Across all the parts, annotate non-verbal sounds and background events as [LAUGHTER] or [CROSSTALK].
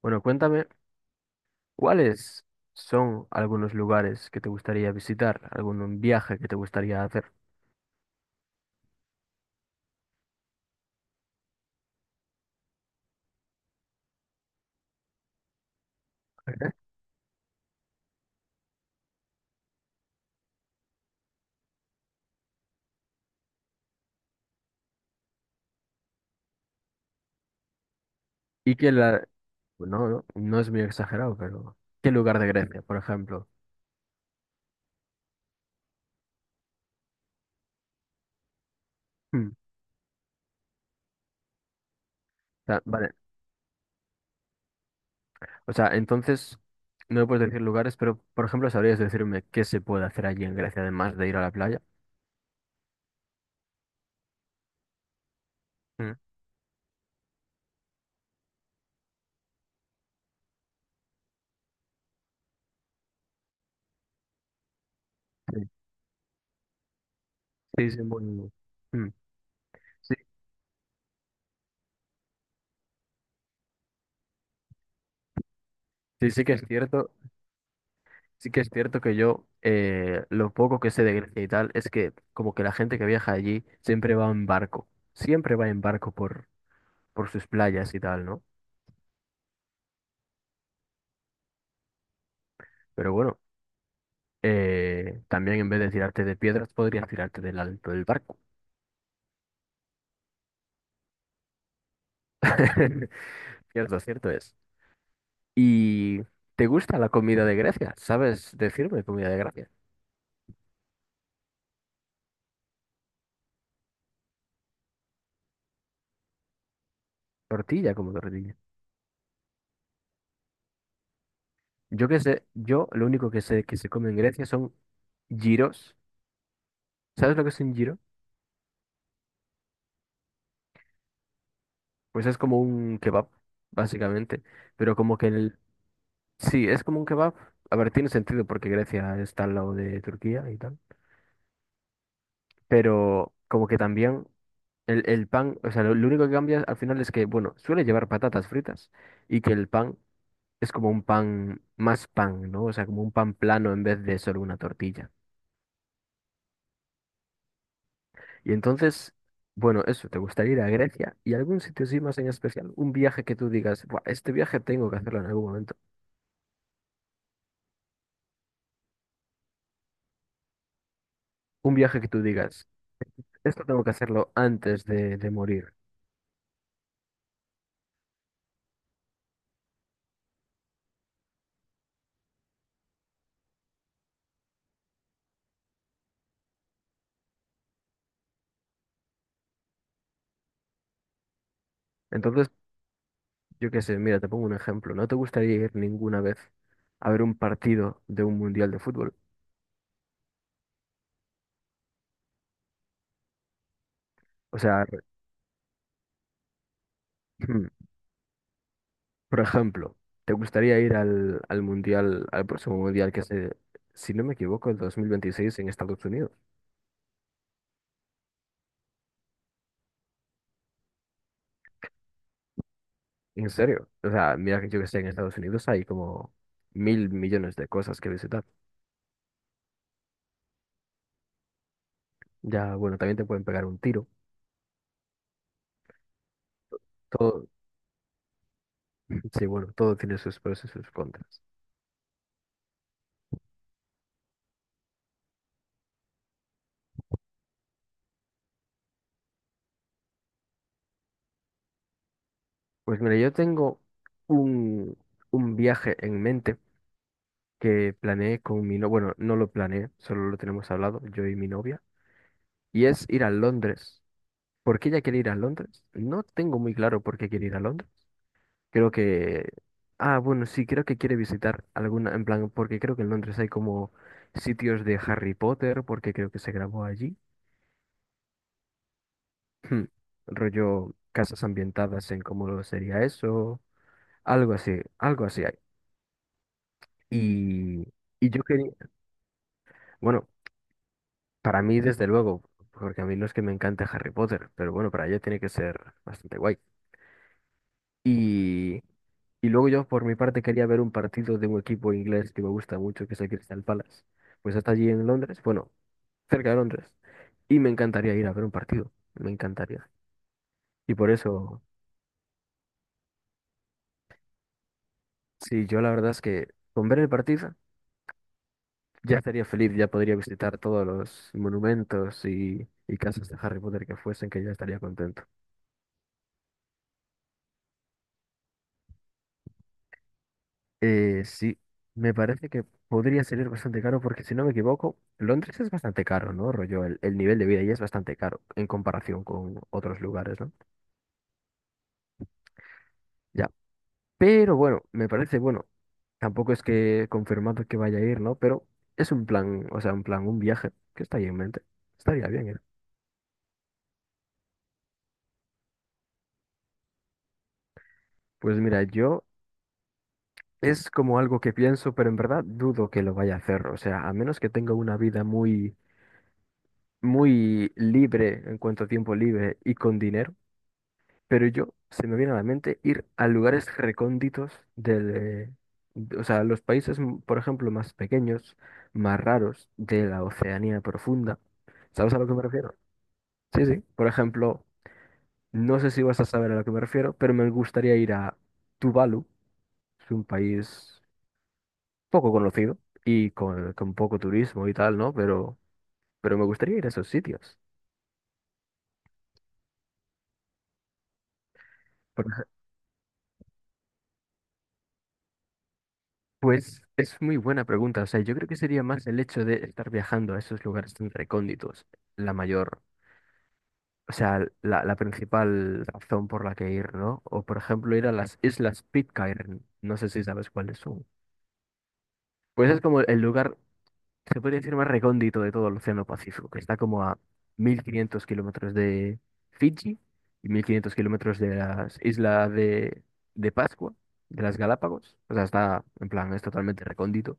Bueno, cuéntame, ¿cuáles son algunos lugares que te gustaría visitar, algún viaje que te gustaría hacer? Y que la... No, no, no es muy exagerado, pero... ¿Qué lugar de Grecia, por ejemplo? Hmm, o sea, vale, o sea, entonces no me puedes decir lugares, pero, por ejemplo, ¿sabrías decirme qué se puede hacer allí en Grecia además de ir a la playa? Mm. Sí, sí, sí, mm, Sí, sí, sí que es cierto. Sí que es cierto que yo, lo poco que sé de Grecia y tal es que como que la gente que viaja allí siempre va en barco, siempre va en barco por sus playas y tal, ¿no? Pero bueno, también en vez de tirarte de piedras podrías tirarte del alto del barco. [LAUGHS] Cierto, cierto es. ¿Y te gusta la comida de Grecia? ¿Sabes decirme comida de Grecia? Tortilla como tortilla. Yo que sé, yo lo único que sé que se come en Grecia son giros. ¿Sabes lo que es un giro? Pues es como un kebab, básicamente. Pero como que el... Sí, es como un kebab. A ver, tiene sentido porque Grecia está al lado de Turquía y tal. Pero como que también el pan, o sea, lo único que cambia al final es que, bueno, suele llevar patatas fritas y que el pan es como un pan, más pan, ¿no? O sea, como un pan plano en vez de solo una tortilla. Y entonces, bueno, eso, ¿te gustaría ir a Grecia y algún sitio así más en especial? Un viaje que tú digas, "Buah, este viaje tengo que hacerlo en algún momento". Un viaje que tú digas, esto tengo que hacerlo antes de morir. Entonces, yo qué sé, mira, te pongo un ejemplo. ¿No te gustaría ir ninguna vez a ver un partido de un mundial de fútbol? O sea, re- [CLEARS THROAT] por ejemplo, ¿te gustaría ir al, al mundial, al próximo mundial que se, si no me equivoco, el 2026 en Estados Unidos? ¿En serio? O sea, mira que yo que sé, en Estados Unidos hay como mil millones de cosas que visitar. Ya, bueno, también te pueden pegar un tiro. Todo, [CLEARS THROAT] sí, bueno, todo tiene sus pros y sus contras. Pues mira, yo tengo un, un viaje en mente que planeé con mi novia. Bueno, no lo planeé, solo lo tenemos hablado, yo y mi novia. Y es ir a Londres. ¿Por qué ella quiere ir a Londres? No tengo muy claro por qué quiere ir a Londres. Creo que... Ah, bueno, sí, creo que quiere visitar alguna, en plan, porque creo que en Londres hay como sitios de Harry Potter, porque creo que se grabó allí. Hmm, rollo casas ambientadas en cómo sería eso. Algo así hay. Y, y yo quería... Bueno, para mí desde luego, porque a mí no es que me encante Harry Potter, pero bueno, para ella tiene que ser bastante guay. Y, y luego yo por mi parte quería ver un partido de un equipo inglés que me gusta mucho, que es el Crystal Palace. Pues está allí en Londres, bueno, cerca de Londres. Y me encantaría ir a ver un partido, me encantaría. Y por eso, sí, yo la verdad es que con ver el partido ya estaría feliz, ya podría visitar todos los monumentos y casas de Harry Potter que fuesen, que ya estaría contento. Sí, me parece que podría salir bastante caro porque si no me equivoco, Londres es bastante caro, ¿no? Rollo, el nivel de vida ahí es bastante caro en comparación con otros lugares, ¿no? Ya. Pero bueno, me parece bueno. Tampoco es que confirmado que vaya a ir, ¿no? Pero es un plan, o sea, un plan, un viaje que está ahí en mente. Estaría bien ir. Pues mira, yo es como algo que pienso, pero en verdad dudo que lo vaya a hacer. O sea, a menos que tenga una vida muy, muy libre en cuanto a tiempo libre y con dinero. Pero yo se me viene a la mente ir a lugares recónditos o sea, los países, por ejemplo, más pequeños, más raros de la Oceanía profunda. ¿Sabes a lo que me refiero? Sí, sí. Por ejemplo, no sé si vas a saber a lo que me refiero, pero me gustaría ir a Tuvalu, es un país poco conocido y con poco turismo y tal, ¿no? Pero me gustaría ir a esos sitios. Pues es muy buena pregunta. O sea, yo creo que sería más el hecho de estar viajando a esos lugares tan recónditos, la mayor, o sea, la principal razón por la que ir, ¿no? O por ejemplo, ir a las Islas Pitcairn. No sé si sabes cuáles son. Pues es como el lugar, se podría decir, más recóndito de todo el Océano Pacífico, que está como a 1.500 kilómetros de Fiji y 1.500 kilómetros de las islas de Pascua, de las Galápagos. O sea, está, en plan, es totalmente recóndito.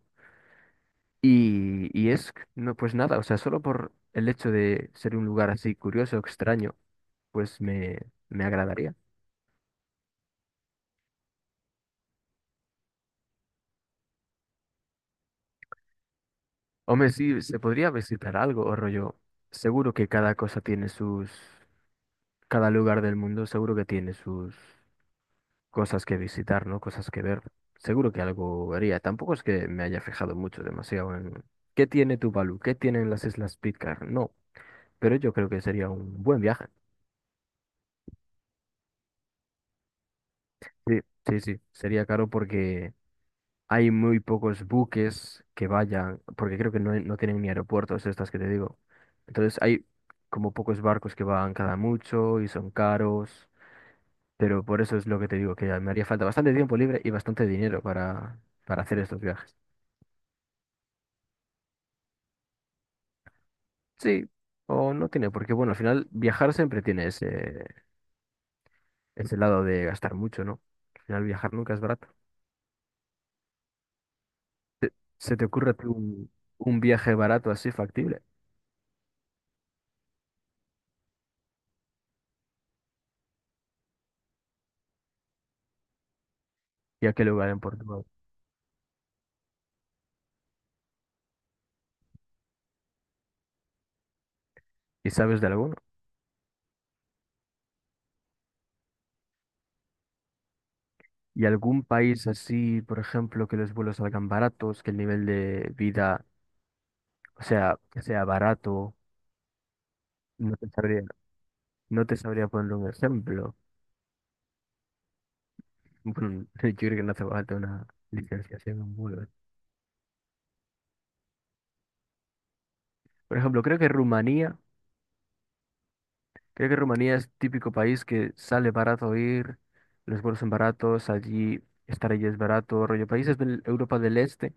Y es, no, pues nada, o sea, solo por el hecho de ser un lugar así curioso, extraño, pues me agradaría. Hombre, sí, se podría visitar algo, o rollo. Seguro que cada cosa tiene sus, cada lugar del mundo seguro que tiene sus cosas que visitar, ¿no? Cosas que ver. Seguro que algo vería. Tampoco es que me haya fijado mucho, demasiado en qué tiene Tuvalu, qué tienen las Islas Pitcairn. No, pero yo creo que sería un buen viaje. Sí, sí, sí. Sería caro porque hay muy pocos buques que vayan, porque creo que no, no tienen ni aeropuertos estas que te digo. Entonces hay como pocos barcos que van cada mucho y son caros, pero por eso es lo que te digo, que me haría falta bastante tiempo libre y bastante dinero para hacer estos viajes. Sí, o no tiene, porque bueno, al final viajar siempre tiene ese lado de gastar mucho, ¿no? Al final viajar nunca es barato. ¿Te- ¿Se te ocurre a ti un viaje barato así factible? ¿Y a qué lugar en Portugal? ¿Y sabes de alguno? Y algún país así, por ejemplo, que los vuelos salgan baratos, que el nivel de vida, o sea, que sea barato, no te sabría, no te sabría poner un ejemplo. Bueno, [LAUGHS] yo creo que no hace falta una licenciación en vuelos. Por ejemplo, creo que Rumanía es típico país que sale barato ir, los vuelos son baratos, allí estar allí es barato, rollo países de Europa del Este,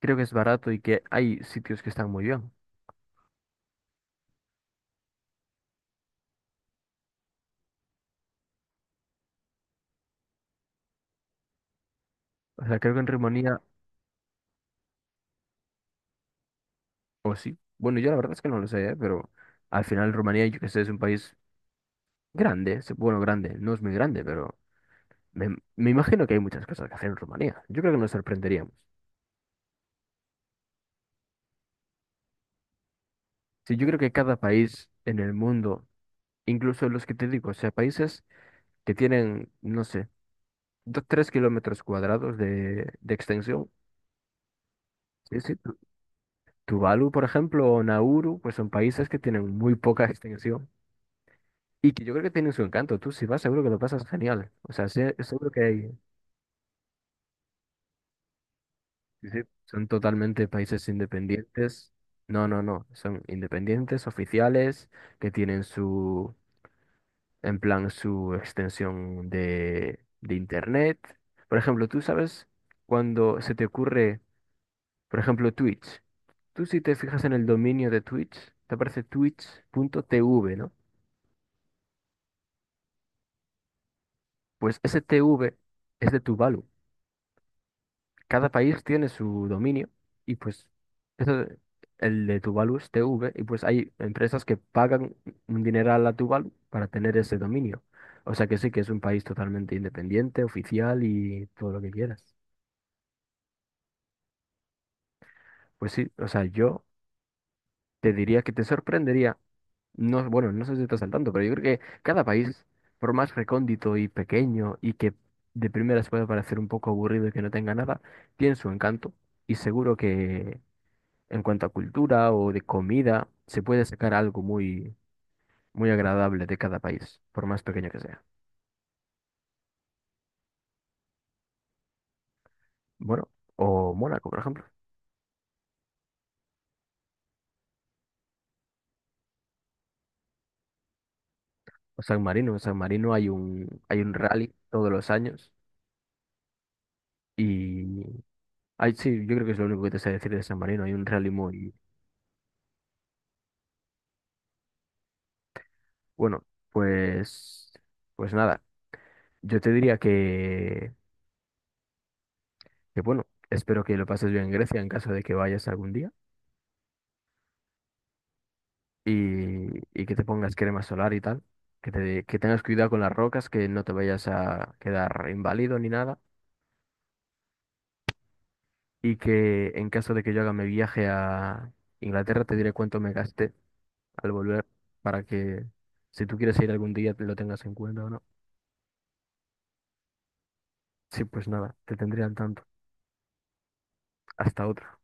creo que es barato y que hay sitios que están muy bien. O sea, creo que en Rumanía. O sí. Bueno, yo la verdad es que no lo sé, ¿eh? Pero al final Rumanía, yo que sé, es un país grande. Bueno, grande, no es muy grande, pero me, me imagino que hay muchas cosas que hacer en Rumanía. Yo creo que nos sorprenderíamos. Sí, yo creo que cada país en el mundo, incluso los que te digo, o sea, países que tienen, no sé, dos, tres kilómetros cuadrados de extensión. Sí, sí. Tuvalu, por ejemplo, o Nauru, pues son países que tienen muy poca [LAUGHS] extensión. Y que yo creo que tienen su encanto. Tú si vas seguro que lo pasas genial. O sea, seguro que hay... Sí, sí, son totalmente países independientes. No, no, no. Son independientes, oficiales, que tienen su, en plan, su extensión de internet. Por ejemplo, tú sabes cuando se te ocurre, por ejemplo, Twitch. Tú si te fijas en el dominio de Twitch, te aparece Twitch punto twitch.tv, ¿no? Pues ese TV es de Tuvalu. Cada país tiene su dominio y pues eso, el de Tuvalu es TV y pues hay empresas que pagan un dineral a Tuvalu para tener ese dominio. O sea que sí que es un país totalmente independiente, oficial y todo lo que quieras. Pues sí, o sea, yo te diría que te sorprendería, no, bueno, no sé si estás al tanto, pero yo creo que cada país, por más recóndito y pequeño y que de primeras pueda parecer un poco aburrido y que no tenga nada, tiene su encanto y seguro que en cuanto a cultura o de comida, se puede sacar algo muy, muy agradable de cada país, por más pequeño que sea. Bueno, o Mónaco, por ejemplo, o San Marino. En San Marino hay hay un rally todos los años y hay, sí, yo creo que es lo único que te sé decir de San Marino. Hay un rally muy bueno, pues, pues nada, yo te diría que bueno, espero que lo pases bien en Grecia en caso de que vayas algún día. y, y que te pongas crema solar y tal, que tengas cuidado con las rocas, que no te vayas a quedar inválido ni nada, y que en caso de que yo haga mi viaje a Inglaterra te diré cuánto me gasté al volver para que si tú quieres ir algún día lo tengas en cuenta o no. Sí, pues nada, te tendría al tanto. Hasta otra.